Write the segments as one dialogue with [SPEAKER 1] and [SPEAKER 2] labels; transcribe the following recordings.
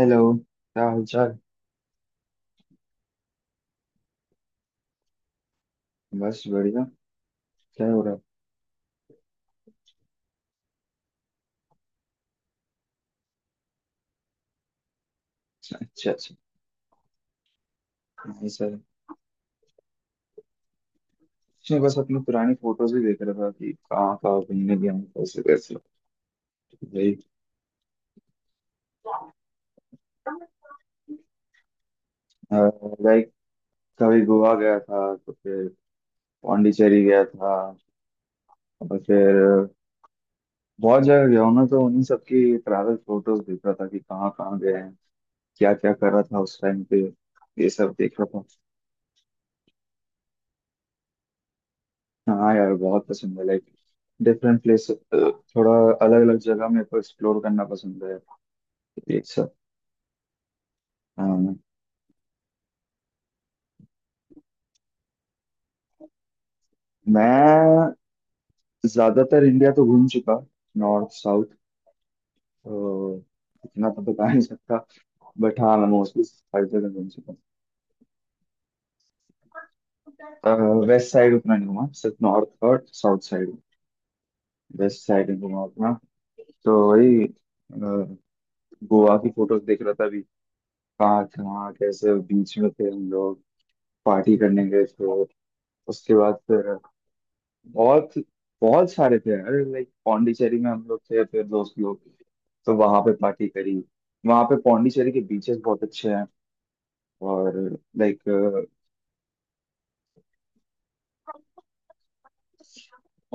[SPEAKER 1] Hello, क्या हालचाल। बस बढ़िया। क्या हो रहा है। अच्छा अच्छा। नहीं सर। कुछ नहीं, बस अपनी पुरानी फोटोज ही देख रहा था कि कहाँ कहाँ घूमने गया हूँ, कैसे कैसे भाई। लाइक, कभी गोवा गया था, तो फिर पौंडीचेरी गया था, और फिर बहुत जगह गया हूँ ना, तो उन्हीं सब की ट्रैवल फोटोज देख रहा था कि कहाँ कहाँ गए हैं, क्या क्या कर रहा था उस टाइम पे। ये सब देख रहा था। हाँ यार, बहुत पसंद है। लाइक डिफरेंट प्लेस, थोड़ा अलग अलग जगह मेरे को एक्सप्लोर करना पसंद है। एक सर। हाँ। मैं ज्यादातर इंडिया तो घूम चुका, नॉर्थ साउथ, तो इतना तो बता नहीं सकता। बट हाँ, मैं मोस्टली हर जगह घूम चुका। वेस्ट साइड उतना नहीं घूमा, सिर्फ नॉर्थ और साउथ साइड। वेस्ट साइड नहीं घूमा उतना। तो वही गोवा की फोटोज देख रहा था अभी। कहाँ कहाँ कैसे बीच में थे हम लोग, पार्टी करने गए थे। उसके बाद फिर बहुत बहुत सारे थे यार। लाइक, पौंडीचेरी में हम लोग थे, फिर दोस्त लोग, तो वहां पे पार्टी करी। वहां पे पौंडीचेरी के बीचेस बहुत अच्छे हैं। और लाइक,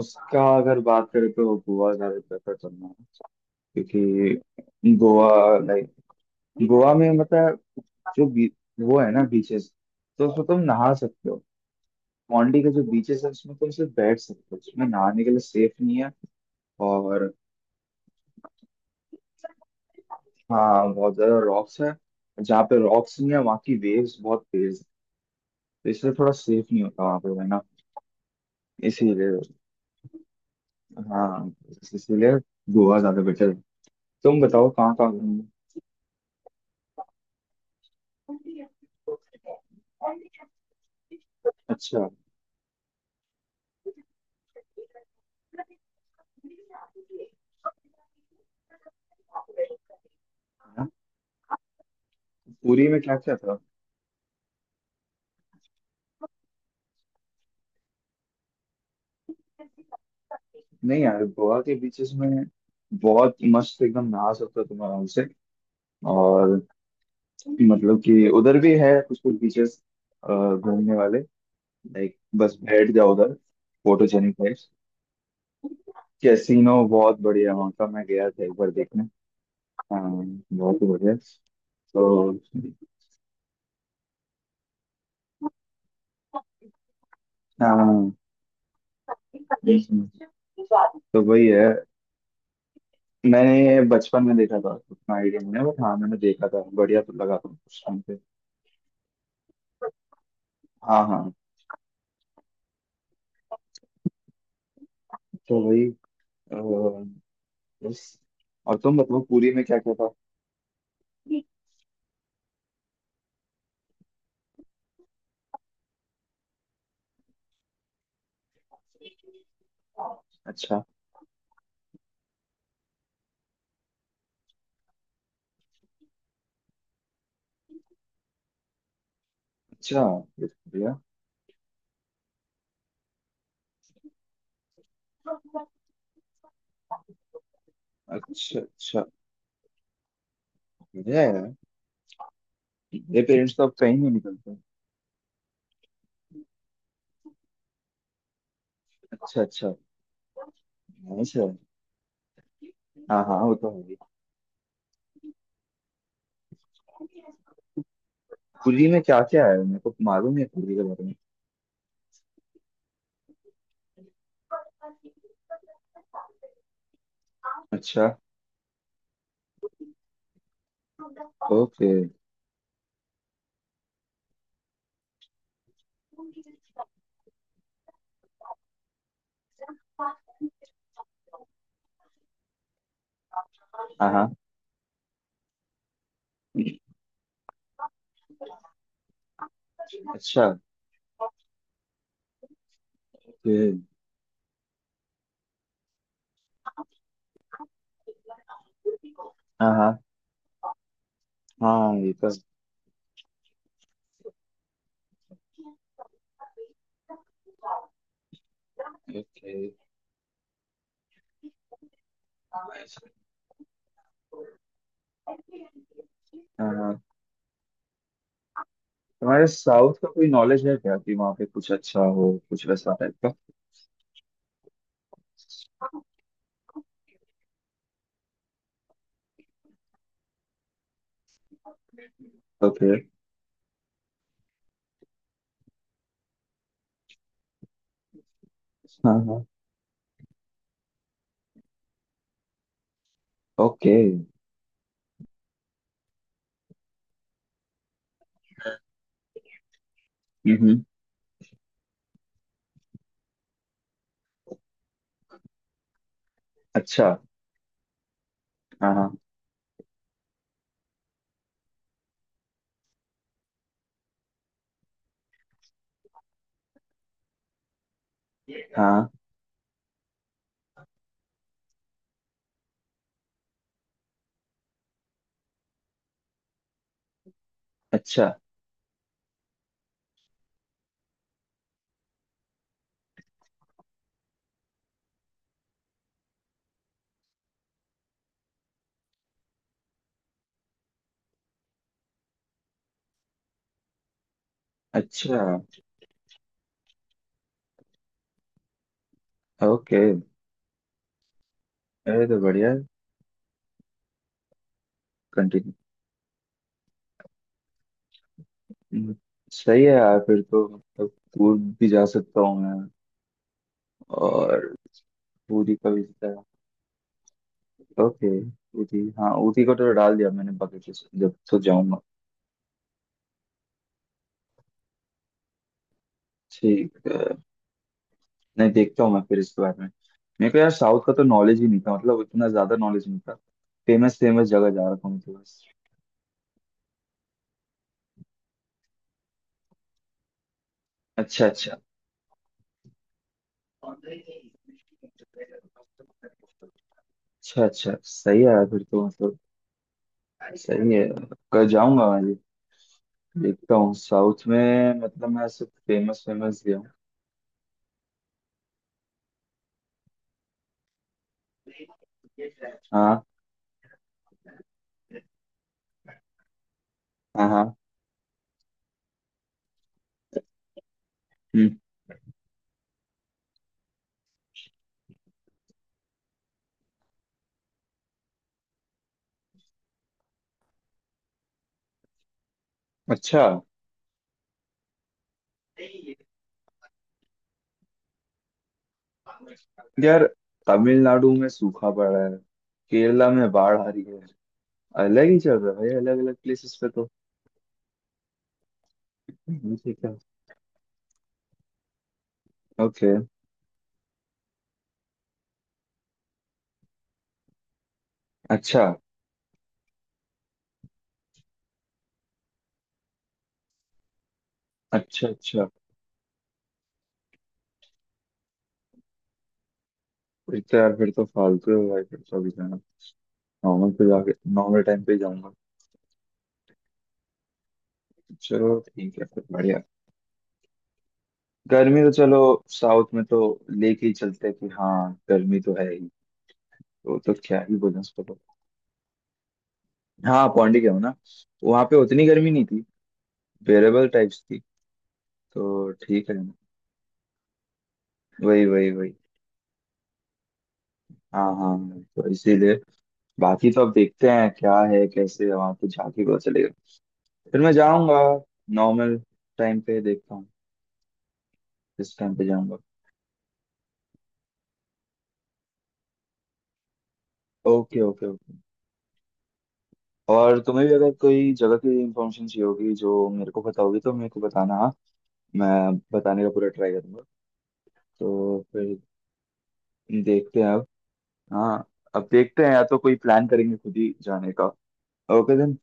[SPEAKER 1] उसका अगर बात करें तो गोवा ज्यादा प्रेफर करना है। क्योंकि गोवा, लाइक, गोवा में मतलब जो बी, वो है ना बीचेस, तो उसमें तुम नहा सकते हो। पौंडी के जो बीचेस है उसमें तुम सिर्फ बैठ सकते हो, उसमें नहाने के लिए सेफ नहीं है। और हाँ, बहुत ज्यादा रॉक्स है। जहाँ पे रॉक्स नहीं है, वहाँ की वेव्स बहुत तेज है। तो इसलिए थोड़ा सेफ नहीं होता वहाँ पे रहना। इसीलिए हाँ, इसीलिए गोवा ज्यादा बेटर है। तुम बताओ कहाँ कहाँ घूमे। अच्छा। हाँ, पुरी में क्या क्या था। नहीं यार, गोवा के बीचेस में बहुत मस्त एकदम नहा सकते हो तुम आराम से। और मतलब कि उधर भी है कुछ कुछ बीचेस घूमने वाले। लाइक, बस बैठ जाओ उधर, फोटोजेनिक है। कैसीनो बहुत बढ़िया वहाँ का, मैं गया था एक बार देखने। हाँ, बहुत ही बढ़िया। तो हाँ, तो वही है। मैंने ये बचपन में देखा था, उतना आइडिया नहीं है, बट हाँ मैंने देखा था, बढ़िया तो लगा था उस टाइम पे। हाँ हाँ। तो वही अ, बस। और तुम बताओ, पूरी में क्या क्या था। अच्छा अच्छा। ये तो बढ़िया। अच्छा अच्छा। बढ़िया है यार। मेरे पेरेंट्स तो अब कहीं नहीं निकलते। अच्छा अच्छा। नाइस है। हाँ हाँ, वो तो है। पूरी में क्या क्या है मेरे को मालूम है, पूरी के बारे में। अच्छा। ओके। हाँ हाँ। अच्छा। ओके। हाँ हाँ। हाँ, ये तो। ओके। हाँ हाँ। तुम्हारे साउथ का कोई नॉलेज है क्या, कि वहाँ पे कुछ अच्छा हो कुछ वैसा टाइप का। ओके। हाँ हाँ। ओके। हम्म। अच्छा। हाँ हाँ हाँ। अच्छा अच्छा। ओके। अरे तो बढ़िया है। कंटिन्यू। सही है यार, फिर तो मतलब दूर भी जा सकता हूँ मैं। और पूरी का भी जितना। ओके। पूरी, हाँ पूरी को तो डाल दिया मैंने बकेट लिस्ट में, जब तो जाऊंगा। ठीक है, नहीं देखता हूँ मैं फिर इसके बारे में। मेरे को यार साउथ का तो नॉलेज ही नहीं था, मतलब इतना ज्यादा नॉलेज नहीं था। फेमस फेमस जगह जा रखा हूँ, तो बस। अच्छा अच्छा। अच्छा। अच्छा सही है यार, फिर तो मतलब सही है, कल जाऊंगा मैं भी। देखता हूँ साउथ में, मतलब मैं सिर्फ फेमस फेमस गया हूँ। हाँ हाँ हाँ। हम्म। अच्छा। यार तमिलनाडु में सूखा पड़ा है, केरला में बाढ़ आ रही है। अलग ही चल रहा है भाई, अलग अलग प्लेसेस पे तो। ठीक है। ओके। अच्छा अच्छा। अच्छा। फिर तो यार, फिर तो फालतू है भाई, फिर तो अभी जाना। नॉर्मल पे जाके, नॉर्मल टाइम पे ही जाऊंगा। चलो ठीक है फिर, बढ़िया। गर्मी तो चलो, साउथ में तो लेके ही चलते हैं कि हाँ, गर्मी तो है ही, तो क्या ही बोलें उसको तो। हाँ पौंडीचेरी ना, वहाँ पे उतनी गर्मी नहीं थी, बेरेबल टाइप्स थी, तो ठीक है। वही वही वही। हाँ हाँ, तो इसीलिए बाकी तो अब देखते हैं क्या है कैसे है, वहाँ पे जाके पता चलेगा। फिर मैं जाऊंगा नॉर्मल टाइम पे, देखता हूँ किस टाइम पे जाऊंगा। Okay okay okay. और तुम्हें भी अगर कोई जगह की इंफॉर्मेशन चाहिए होगी जो मेरे को पता होगी, तो मेरे को बताना हाँ, मैं बताने का पूरा ट्राई करूंगा। तो फिर देखते हैं अब। हाँ, अब देखते हैं, या तो कोई प्लान करेंगे खुद ही जाने का। Okay then.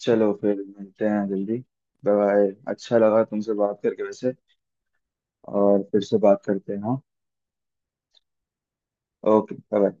[SPEAKER 1] चलो फिर मिलते हैं जल्दी। Bye bye. अच्छा लगा तुमसे बात करके वैसे, और फिर से बात करते हैं हाँ। Okay bye.